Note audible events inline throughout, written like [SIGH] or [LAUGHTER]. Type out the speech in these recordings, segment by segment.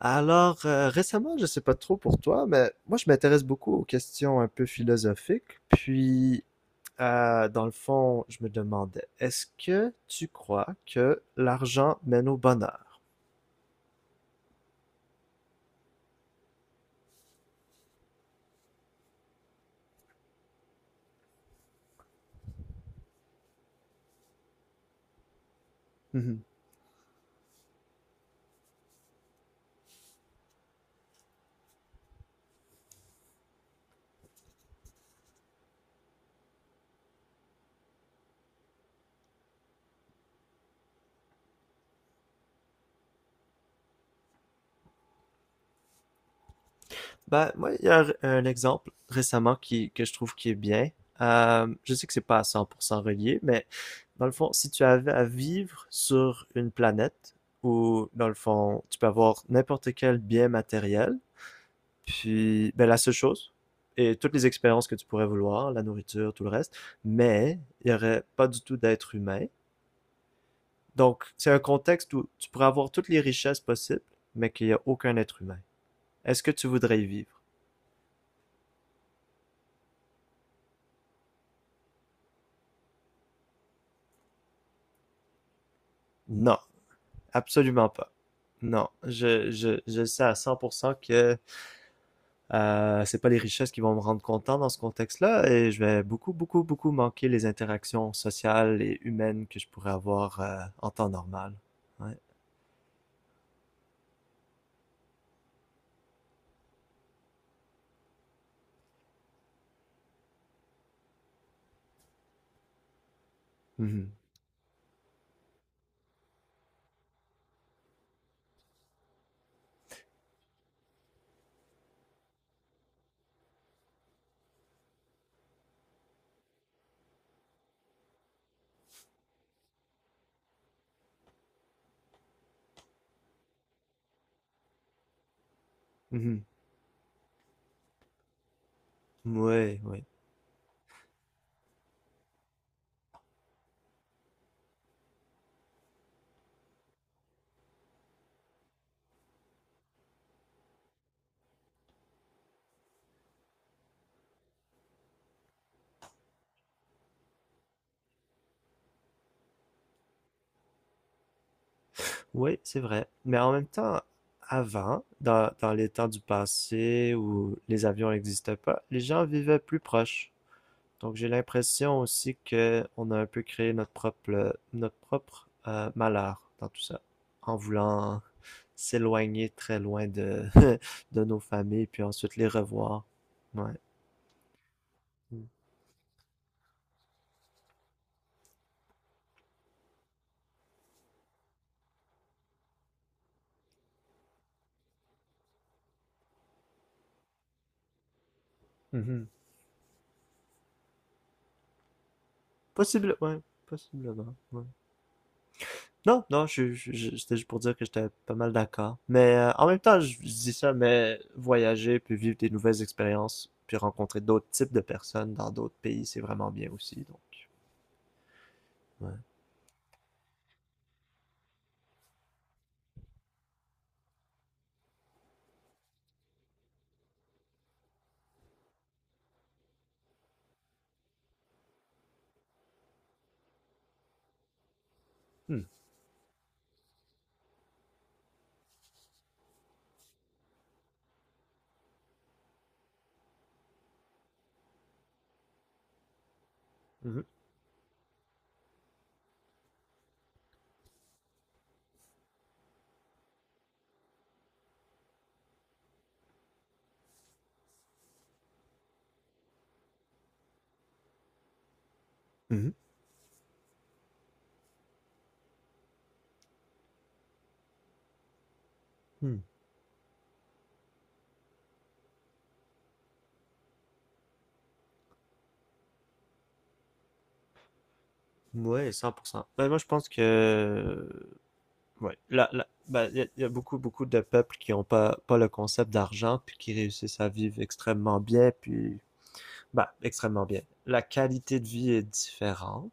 Alors, récemment, je sais pas trop pour toi, mais moi, je m'intéresse beaucoup aux questions un peu philosophiques. Puis, dans le fond, je me demandais, est-ce que tu crois que l'argent mène au bonheur? Mhm. Ben, moi, il y a un exemple récemment que je trouve qui est bien. Je sais que c'est pas à 100% relié, mais dans le fond, si tu avais à vivre sur une planète où, dans le fond, tu peux avoir n'importe quel bien matériel. Puis, ben, la seule chose, et toutes les expériences que tu pourrais vouloir, la nourriture, tout le reste, mais il n'y aurait pas du tout d'être humain. Donc, c'est un contexte où tu pourrais avoir toutes les richesses possibles, mais qu'il n'y a aucun être humain. Est-ce que tu voudrais y vivre? Non, absolument pas. Non, je sais à 100% que c'est pas les richesses qui vont me rendre content dans ce contexte-là, et je vais beaucoup, beaucoup, beaucoup manquer les interactions sociales et humaines que je pourrais avoir en temps normal. Ouais. Mhm. Mhm. Ouais, ouais. Ouais, c'est vrai. Mais en même temps, avant, dans les temps du passé où les avions n'existaient pas, les gens vivaient plus proches. Donc j'ai l'impression aussi que on a un peu créé notre propre, notre propre malheur dans tout ça, en voulant s'éloigner très loin de, [LAUGHS] de nos familles, puis ensuite les revoir. Ouais. Mhm. Possible, ouais, possiblement. Ouais. Non, non, je c'était juste pour dire que j'étais pas mal d'accord. Mais en même temps, je dis ça, mais voyager, puis vivre des nouvelles expériences, puis rencontrer d'autres types de personnes dans d'autres pays, c'est vraiment bien aussi. Donc, ouais. Hmm. Mhm. Mhm. Hmm. Ouais, 100%. Ben, moi, je pense que, ouais, ben, il y a beaucoup, beaucoup de peuples qui ont pas le concept d'argent, puis qui réussissent à vivre extrêmement bien, puis bah, extrêmement bien. La qualité de vie est différente,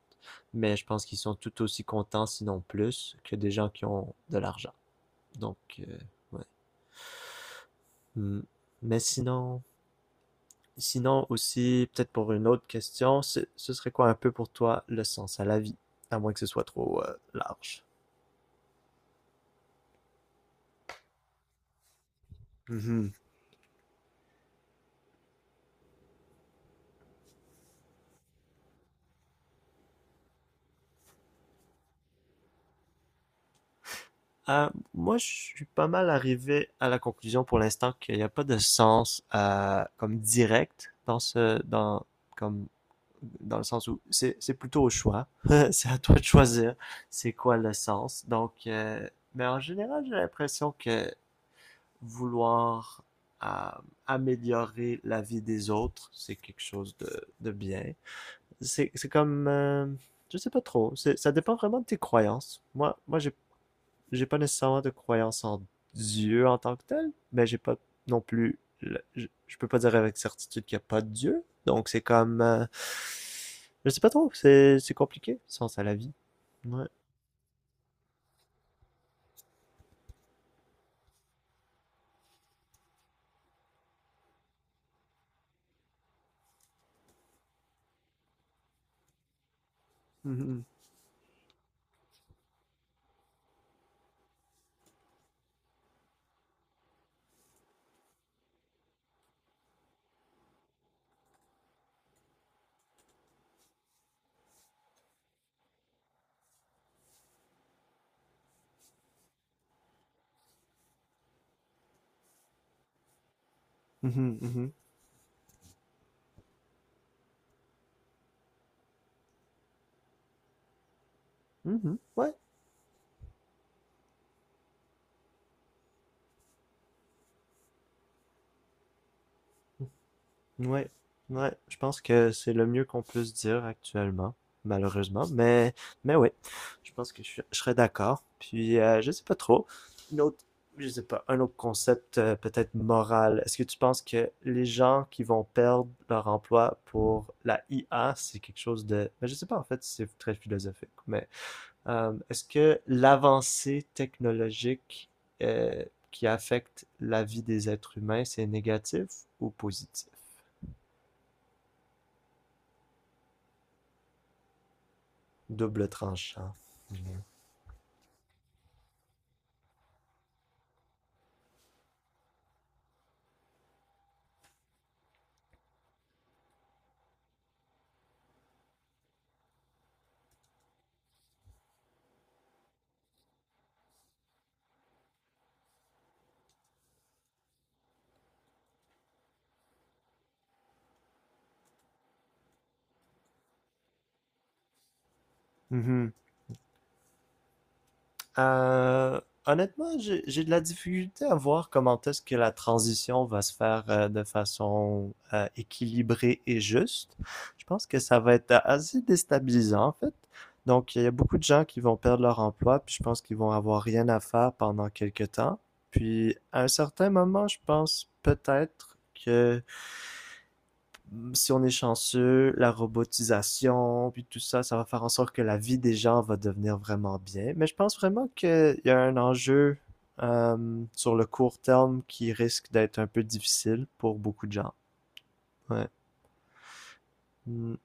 mais je pense qu'ils sont tout aussi contents, sinon plus, que des gens qui ont de l'argent. Donc, ouais. Mm. Mais sinon, sinon aussi, peut-être pour une autre question, ce serait quoi un peu pour toi le sens à la vie? À moins que ce soit trop large. Mhm. Moi, je suis pas mal arrivé à la conclusion pour l'instant qu'il n'y a pas de sens comme direct dans ce, dans, comme dans le sens où c'est plutôt au choix. [LAUGHS] C'est à toi de choisir c'est quoi le sens. Donc, mais en général, j'ai l'impression que vouloir euh, améliorer la vie des autres, c'est quelque chose de bien. C'est comme, je sais pas trop, ça dépend vraiment de tes croyances. Moi, j'ai pas nécessairement de croyance en Dieu en tant que tel, mais j'ai pas non plus. Je peux pas dire avec certitude qu'il y a pas de Dieu. Donc c'est comme. Je sais pas trop, c'est compliqué, sens à la vie. Ouais. Mhm, mhm, mhm. Mhm. Ouais. Ouais, ouais, je pense que c'est le mieux qu'on puisse dire actuellement, malheureusement, mais ouais, je pense que je serais d'accord. Puis je sais pas trop, une autre, je sais pas, un autre concept peut-être moral. Est-ce que tu penses que les gens qui vont perdre leur emploi pour la IA, c'est quelque chose de, ben, je sais pas en fait, c'est très philosophique, mais est-ce que l'avancée technologique euh, qui affecte la vie des êtres humains, c'est négatif ou positif? Double tranchant. Mhm. Euh, Honnêtement, j'ai de la difficulté à voir comment est-ce que la transition va se faire de façon équilibrée et juste. Je pense que ça va être assez déstabilisant, en fait. Donc, il y a beaucoup de gens qui vont perdre leur emploi, puis je pense qu'ils vont avoir rien à faire pendant quelque temps. Puis, à un certain moment, je pense peut-être que si on est chanceux, la robotisation, puis tout ça, ça va faire en sorte que la vie des gens va devenir vraiment bien. Mais je pense vraiment qu'il y a un enjeu sur le court terme qui risque d'être un peu difficile pour beaucoup de gens. Ouais. Mm.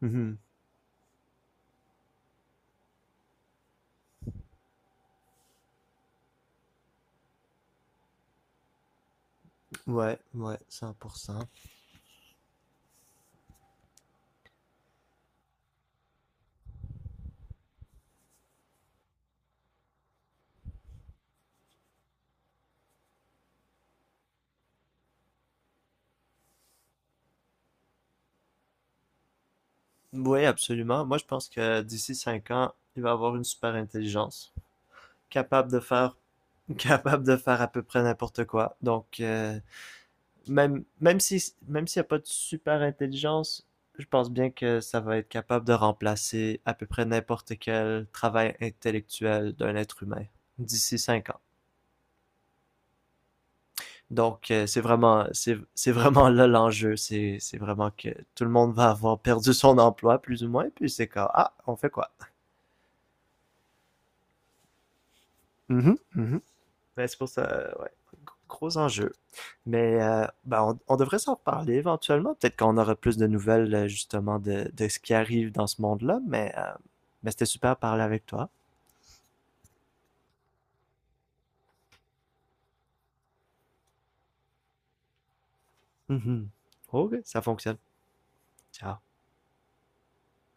Mhm. Ouais, ouais, 100%. Oui, absolument. Moi, je pense que d'ici 5 ans, il va y avoir une super intelligence capable de faire [LAUGHS] capable de faire à peu près n'importe quoi. Donc, même s'il n'y a pas de super intelligence, je pense bien que ça va être capable de remplacer à peu près n'importe quel travail intellectuel d'un être humain d'ici 5 ans. Donc, c'est vraiment là l'enjeu. C'est vraiment que tout le monde va avoir perdu son emploi, plus ou moins, puis c'est quand, ah, on fait quoi? Mhm, mhm. Mais c'est pour ça, ouais. Gros enjeu. Mais ben, on devrait s'en reparler éventuellement. Peut-être qu'on aura plus de nouvelles justement de ce qui arrive dans ce monde-là. Mais c'était super de parler avec toi. Mhm. Ok, ça fonctionne. Ciao.